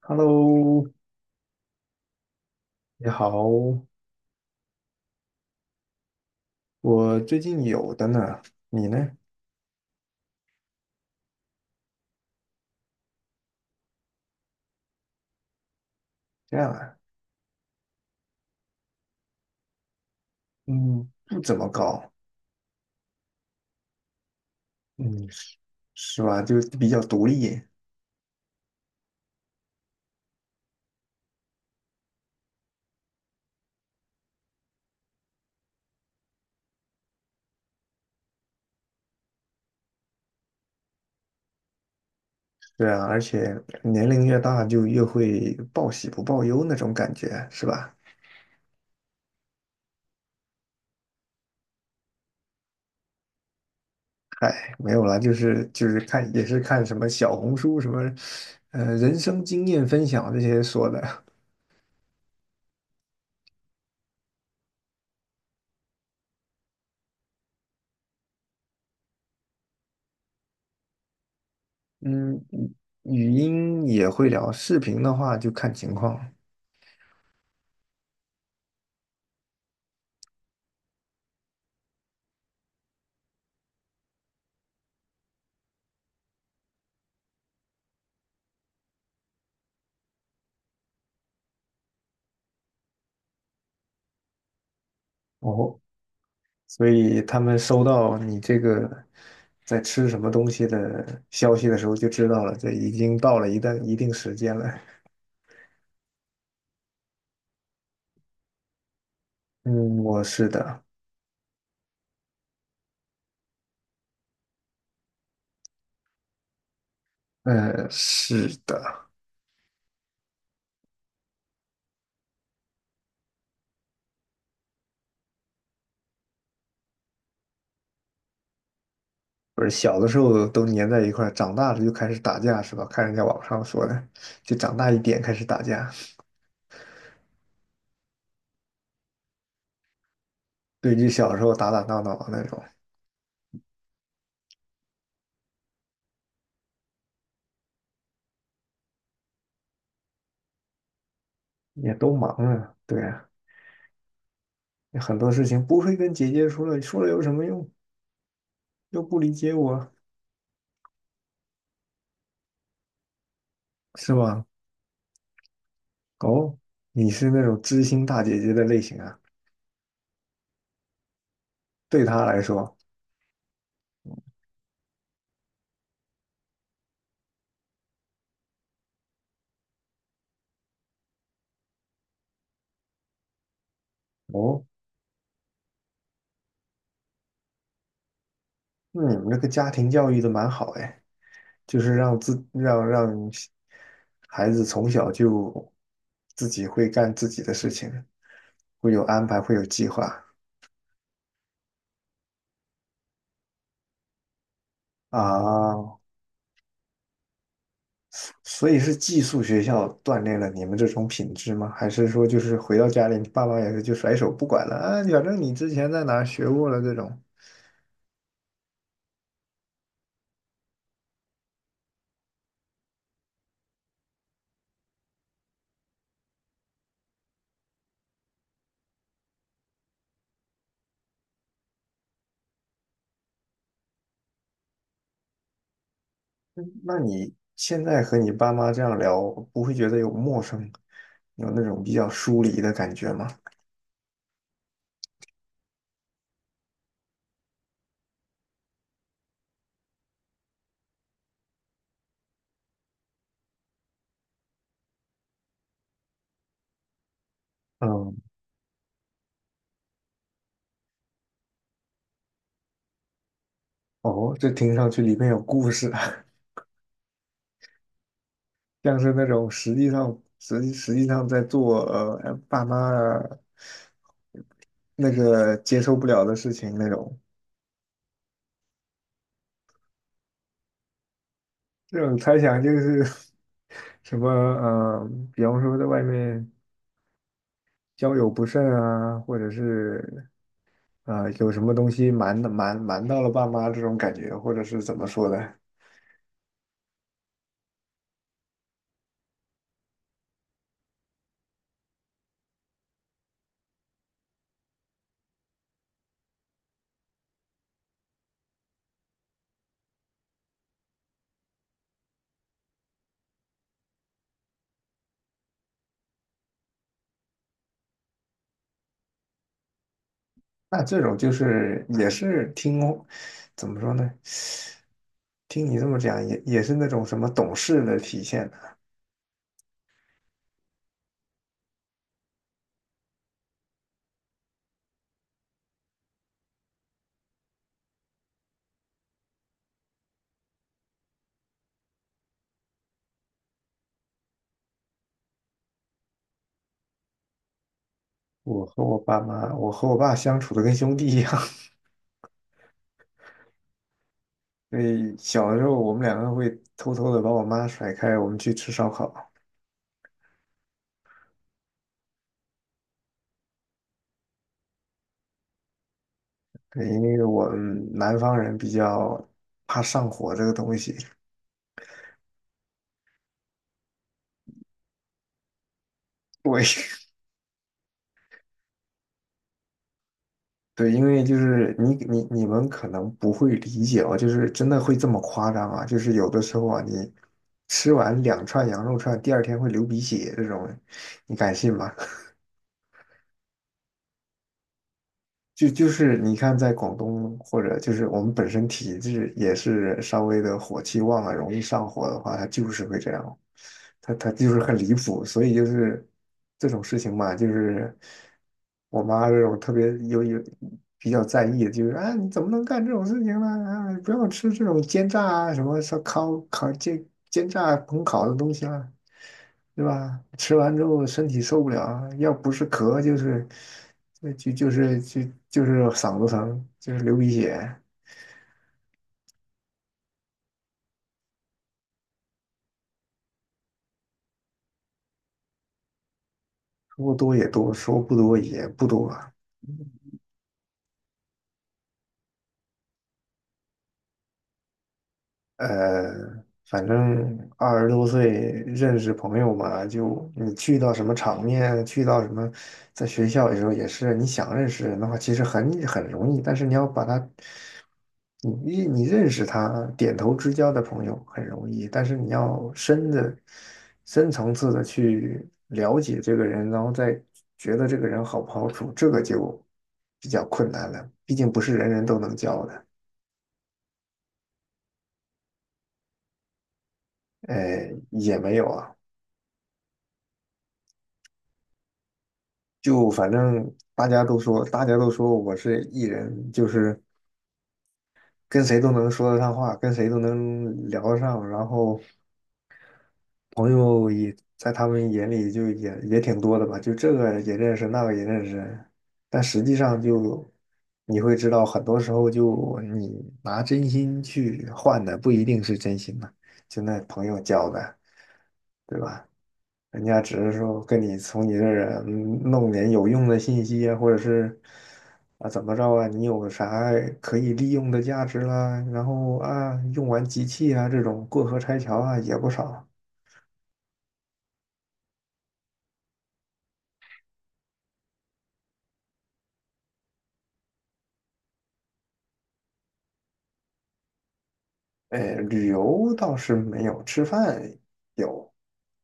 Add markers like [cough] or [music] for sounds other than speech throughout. Hello，你好，我最近有的呢，你呢？这样啊。嗯，不怎么高。嗯，是是吧？就比较独立。对啊，而且年龄越大就越会报喜不报忧那种感觉，是吧？嗨，没有了，就是看也是看什么小红书什么，人生经验分享这些说的。嗯，语音也会聊，视频的话就看情况。哦。所以他们收到你这个在吃什么东西的消息的时候，就知道了，这已经到了一定时间了。嗯，我是的。嗯，是的。不是小的时候都粘在一块儿，长大了就开始打架是吧？看人家网上说的，就长大一点开始打架，对峙小时候打打闹闹的那种。也都忙啊，对啊，很多事情不会跟姐姐说了，说了有什么用？又不理解我，是吧？哦，你是那种知心大姐姐的类型啊。对他来说，哦，那你们这个家庭教育的蛮好哎，就是让自让让孩子从小就自己会干自己的事情，会有安排，会有计划啊。所以是寄宿学校锻炼了你们这种品质吗？还是说就是回到家里，你爸妈也是就甩手不管了啊？反正你之前在哪儿学过了这种。那你现在和你爸妈这样聊，不会觉得有陌生，有那种比较疏离的感觉吗？嗯，哦，这听上去里面有故事啊。[laughs] 像是那种实际上在做爸妈那个接受不了的事情那种。这种猜想就是 [laughs] 什么比方说在外面交友不慎啊，或者是呃有什么东西瞒的瞒瞒到了爸妈这种感觉，或者是怎么说的？那这种就是也是听，怎么说呢？听你这么讲，也也是那种什么懂事的体现呢。我和我爸妈，我和我爸相处的跟兄弟一样。[laughs] 所以小的时候，我们两个会偷偷的把我妈甩开，我们去吃烧烤。对，因为我们南方人比较怕上火这个东西。对，[laughs] 对，因为就是你们可能不会理解哦，就是真的会这么夸张啊？就是有的时候啊，你吃完两串羊肉串，第二天会流鼻血这种，你敢信吗？就是你看，在广东或者就是我们本身体质也是稍微的火气旺啊，容易上火的话，它就是会这样，它就是很离谱，所以就是这种事情嘛，就是我妈这种特别有比较在意，就是啊、你怎么能干这种事情呢？啊，不要吃这种煎炸啊什么烧烤烤煎烹烤的东西啦、对吧？吃完之后身体受不了，要不是咳就是呃就就是就就是嗓子疼，就是流鼻血。说多也多，说不多也不多。呃，反正二十多岁认识朋友嘛，就你去到什么场面，去到什么，在学校的时候也是，你想认识人的话，其实很容易，但是你要把他你认识他，点头之交的朋友很容易，但是你要深的、深层次的去了解这个人，然后再觉得这个人好不好处，这个就比较困难了。毕竟不是人人都能交的。哎，也没有啊。就反正大家都说我是 E 人，就是跟谁都能说得上话，跟谁都能聊得上，然后朋友也在他们眼里就也挺多的吧，就这个也认识，那个也认识，但实际上就你会知道，很多时候就你拿真心去换的不一定是真心嘛，就那朋友交的，对吧？人家只是说跟你从你这儿嗯弄点有用的信息啊，或者是啊怎么着啊，你有啥可以利用的价值啦，然后啊用完即弃啊这种过河拆桥啊也不少。哎，旅游倒是没有，吃饭有。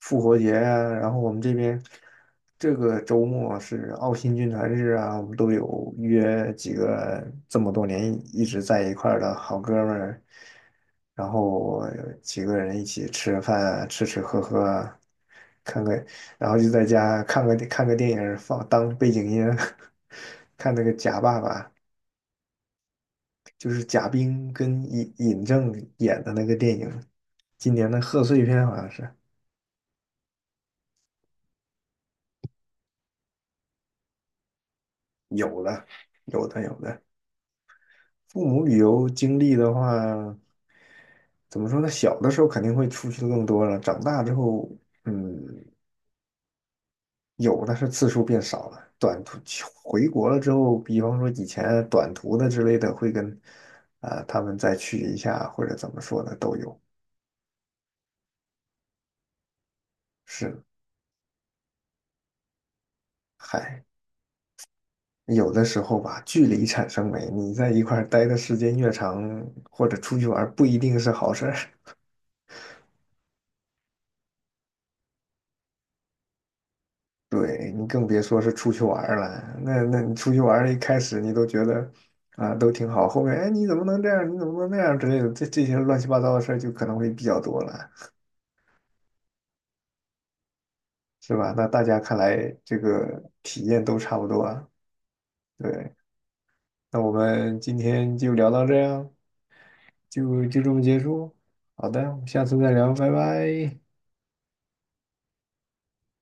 复活节啊，然后我们这边这个周末是澳新军团日啊，我们都有约几个这么多年一直在一块儿的好哥们儿，然后几个人一起吃饭啊吃吃喝喝啊看个，然后就在家看个电影儿放当背景音啊，[laughs] 看那个《假爸爸》。就是贾冰跟尹正演的那个电影，今年的贺岁片好像是有的，有的，有的。父母旅游经历的话，怎么说呢？小的时候肯定会出去的更多了，长大之后，嗯，有的是次数变少了。短途回国了之后，比方说以前短途的之类的，会跟啊、他们再去一下，或者怎么说呢，都有。是，嗨。有的时候吧，距离产生美。你在一块儿待的时间越长，或者出去玩儿不一定是好事儿。[laughs] 对，你更别说是出去玩儿了。那你出去玩儿一开始你都觉得啊都挺好，后面哎你怎么能这样？你怎么能那样之类的，这些乱七八糟的事儿就可能会比较多了，是吧？那大家看来这个体验都差不多啊。对，那我们今天就聊到这样，就这么结束。好的，我们下次再聊，拜拜。